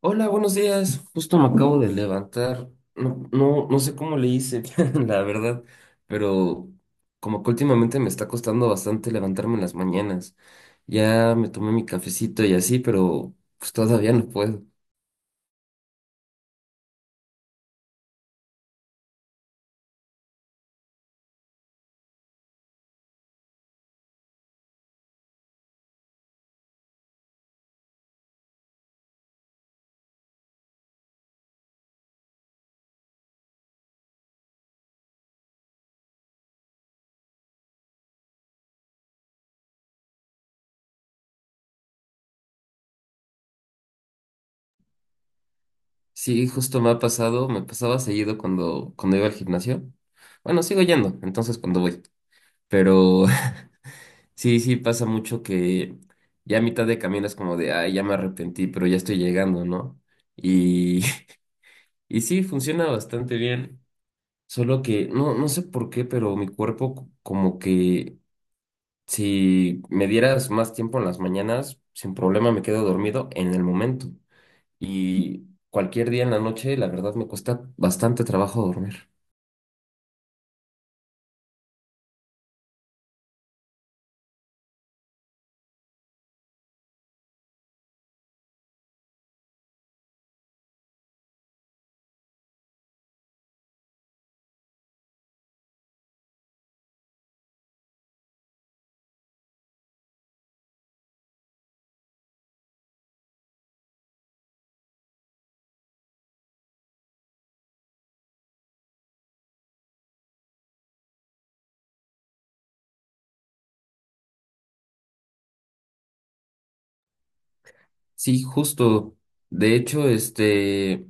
Hola, buenos días. Justo me acabo de levantar. No, no, no sé cómo le hice, la verdad, pero como que últimamente me está costando bastante levantarme en las mañanas. Ya me tomé mi cafecito y así, pero pues todavía no puedo. Sí, justo me ha pasado, me pasaba seguido cuando iba al gimnasio. Bueno, sigo yendo, entonces cuando voy. Pero sí, sí pasa mucho que ya a mitad de camino es como de, ay, ya me arrepentí, pero ya estoy llegando, ¿no? Y Y sí, funciona bastante bien, solo que no, no sé por qué, pero mi cuerpo como que si me dieras más tiempo en las mañanas, sin problema me quedo dormido en el momento. Y cualquier día en la noche, la verdad me cuesta bastante trabajo dormir. Sí, justo. De hecho, este,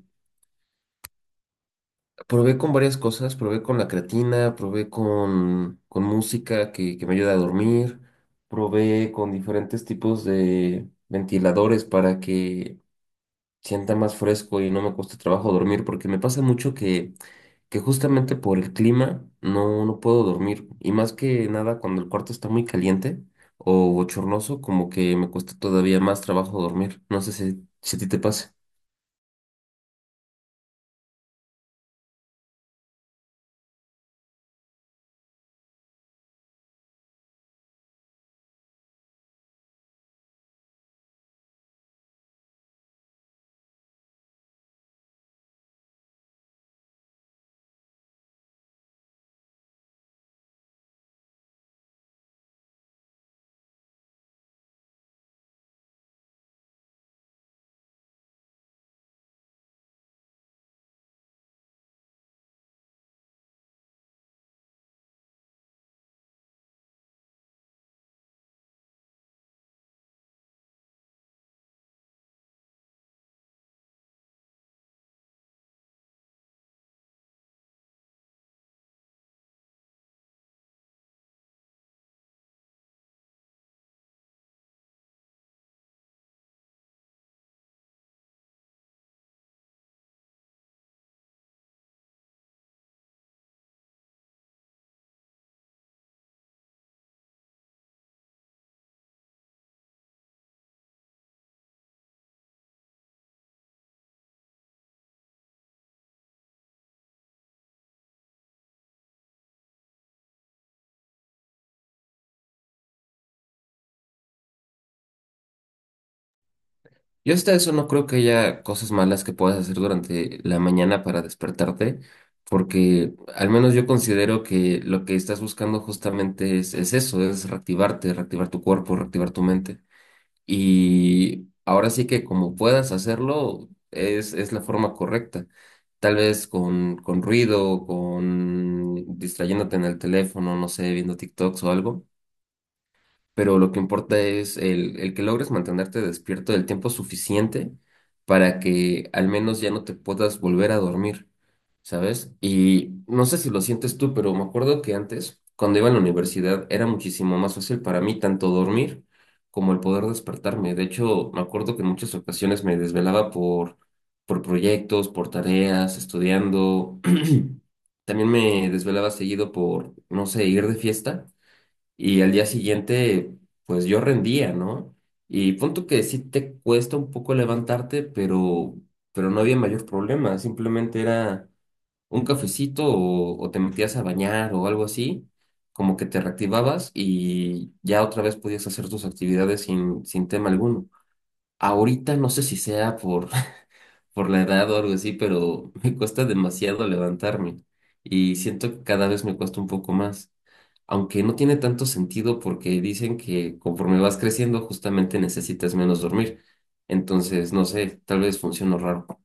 probé con varias cosas, probé con la creatina, probé con música que me ayuda a dormir, probé con diferentes tipos de ventiladores para que sienta más fresco y no me cueste trabajo dormir, porque me pasa mucho que justamente por el clima no, no puedo dormir. Y más que nada cuando el cuarto está muy caliente o bochornoso, como que me cuesta todavía más trabajo dormir. No sé si a ti te pasa. Yo hasta eso no creo que haya cosas malas que puedas hacer durante la mañana para despertarte, porque al menos yo considero que lo que estás buscando justamente es eso, es reactivarte, reactivar tu cuerpo, reactivar tu mente. Y ahora sí que como puedas hacerlo, es la forma correcta. Tal vez con ruido, con distrayéndote en el teléfono, no sé, viendo TikToks o algo, pero lo que importa es el que logres mantenerte despierto el tiempo suficiente para que al menos ya no te puedas volver a dormir, ¿sabes? Y no sé si lo sientes tú, pero me acuerdo que antes, cuando iba a la universidad, era muchísimo más fácil para mí tanto dormir como el poder despertarme. De hecho, me acuerdo que en muchas ocasiones me desvelaba por proyectos, por tareas, estudiando. También me desvelaba seguido por, no sé, ir de fiesta y al día siguiente, pues yo rendía, ¿no? Y punto que sí te cuesta un poco levantarte, pero no había mayor problema, simplemente era un cafecito o te metías a bañar o algo así, como que te reactivabas y ya otra vez podías hacer tus actividades sin tema alguno. Ahorita no sé si sea por la edad o algo así, pero me cuesta demasiado levantarme y siento que cada vez me cuesta un poco más, aunque no tiene tanto sentido porque dicen que conforme vas creciendo justamente necesitas menos dormir. Entonces, no sé, tal vez funciono raro.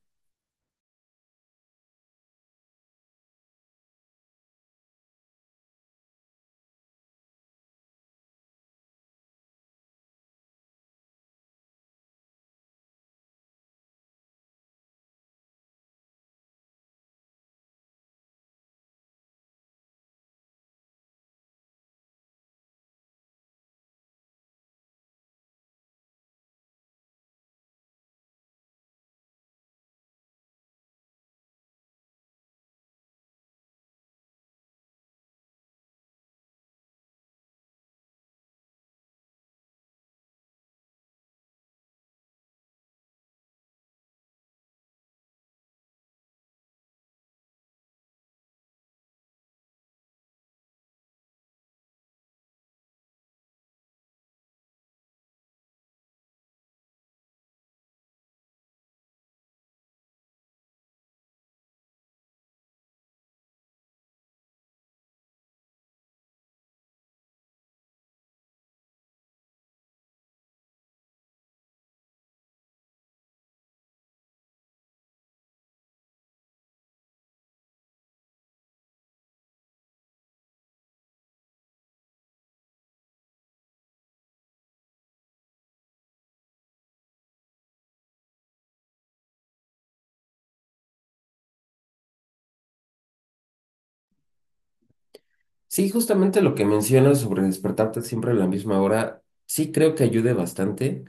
Sí, justamente lo que mencionas sobre despertarte siempre a la misma hora, sí creo que ayude bastante,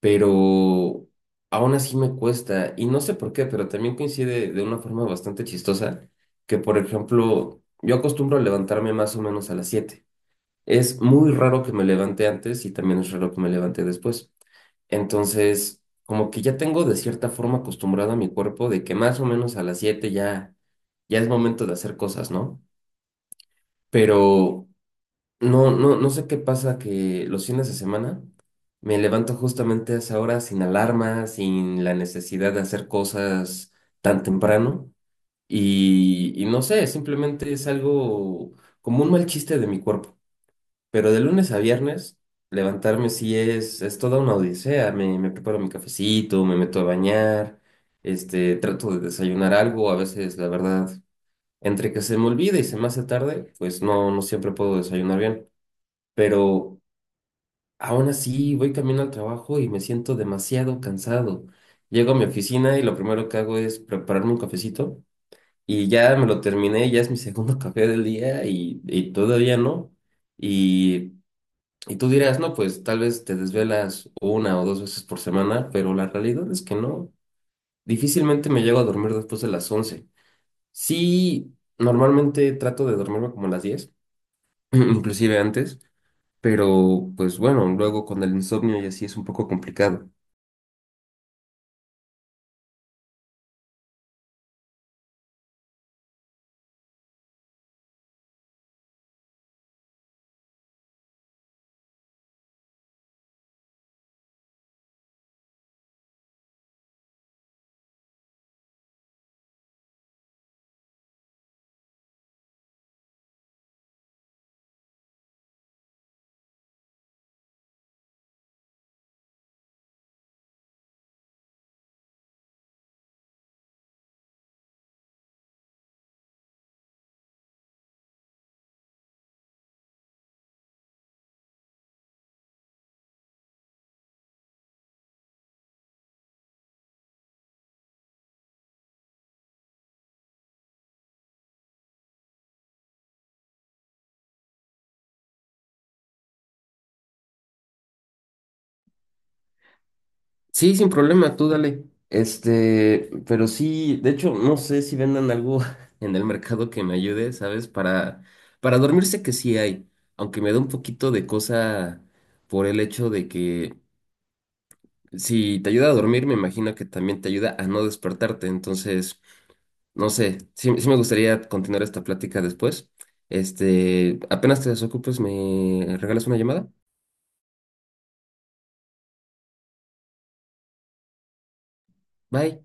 pero aún así me cuesta. Y no sé por qué, pero también coincide de una forma bastante chistosa, que por ejemplo, yo acostumbro a levantarme más o menos a las 7. Es muy raro que me levante antes y también es raro que me levante después. Entonces, como que ya tengo de cierta forma acostumbrado a mi cuerpo de que más o menos a las 7 ya, ya es momento de hacer cosas, ¿no? Pero no, no, no sé qué pasa que los fines de semana me levanto justamente a esa hora sin alarma, sin la necesidad de hacer cosas tan temprano y no sé, simplemente es algo como un mal chiste de mi cuerpo. Pero de lunes a viernes levantarme sí es toda una odisea. Me preparo mi cafecito, me meto a bañar, este, trato de desayunar algo, a veces la verdad, entre que se me olvida y se me hace tarde, pues no, no siempre puedo desayunar bien. Pero aún así, voy camino al trabajo y me siento demasiado cansado. Llego a mi oficina y lo primero que hago es prepararme un cafecito y ya me lo terminé, ya es mi segundo café del día y todavía no. Y, y tú dirás, no, pues tal vez te desvelas una o dos veces por semana, pero la realidad es que no. Difícilmente me llego a dormir después de las 11. Sí, normalmente trato de dormirme como a las 10 inclusive antes. Pero, pues bueno, luego con el insomnio y así es un poco complicado. Sí, sin problema, tú dale. Este, pero sí, de hecho, no sé si vendan algo en el mercado que me ayude, ¿sabes? Para dormir sé que sí hay, aunque me da un poquito de cosa por el hecho de que si te ayuda a dormir, me imagino que también te ayuda a no despertarte. Entonces, no sé, sí, sí me gustaría continuar esta plática después. Este, apenas te desocupes, me regalas una llamada. Bye.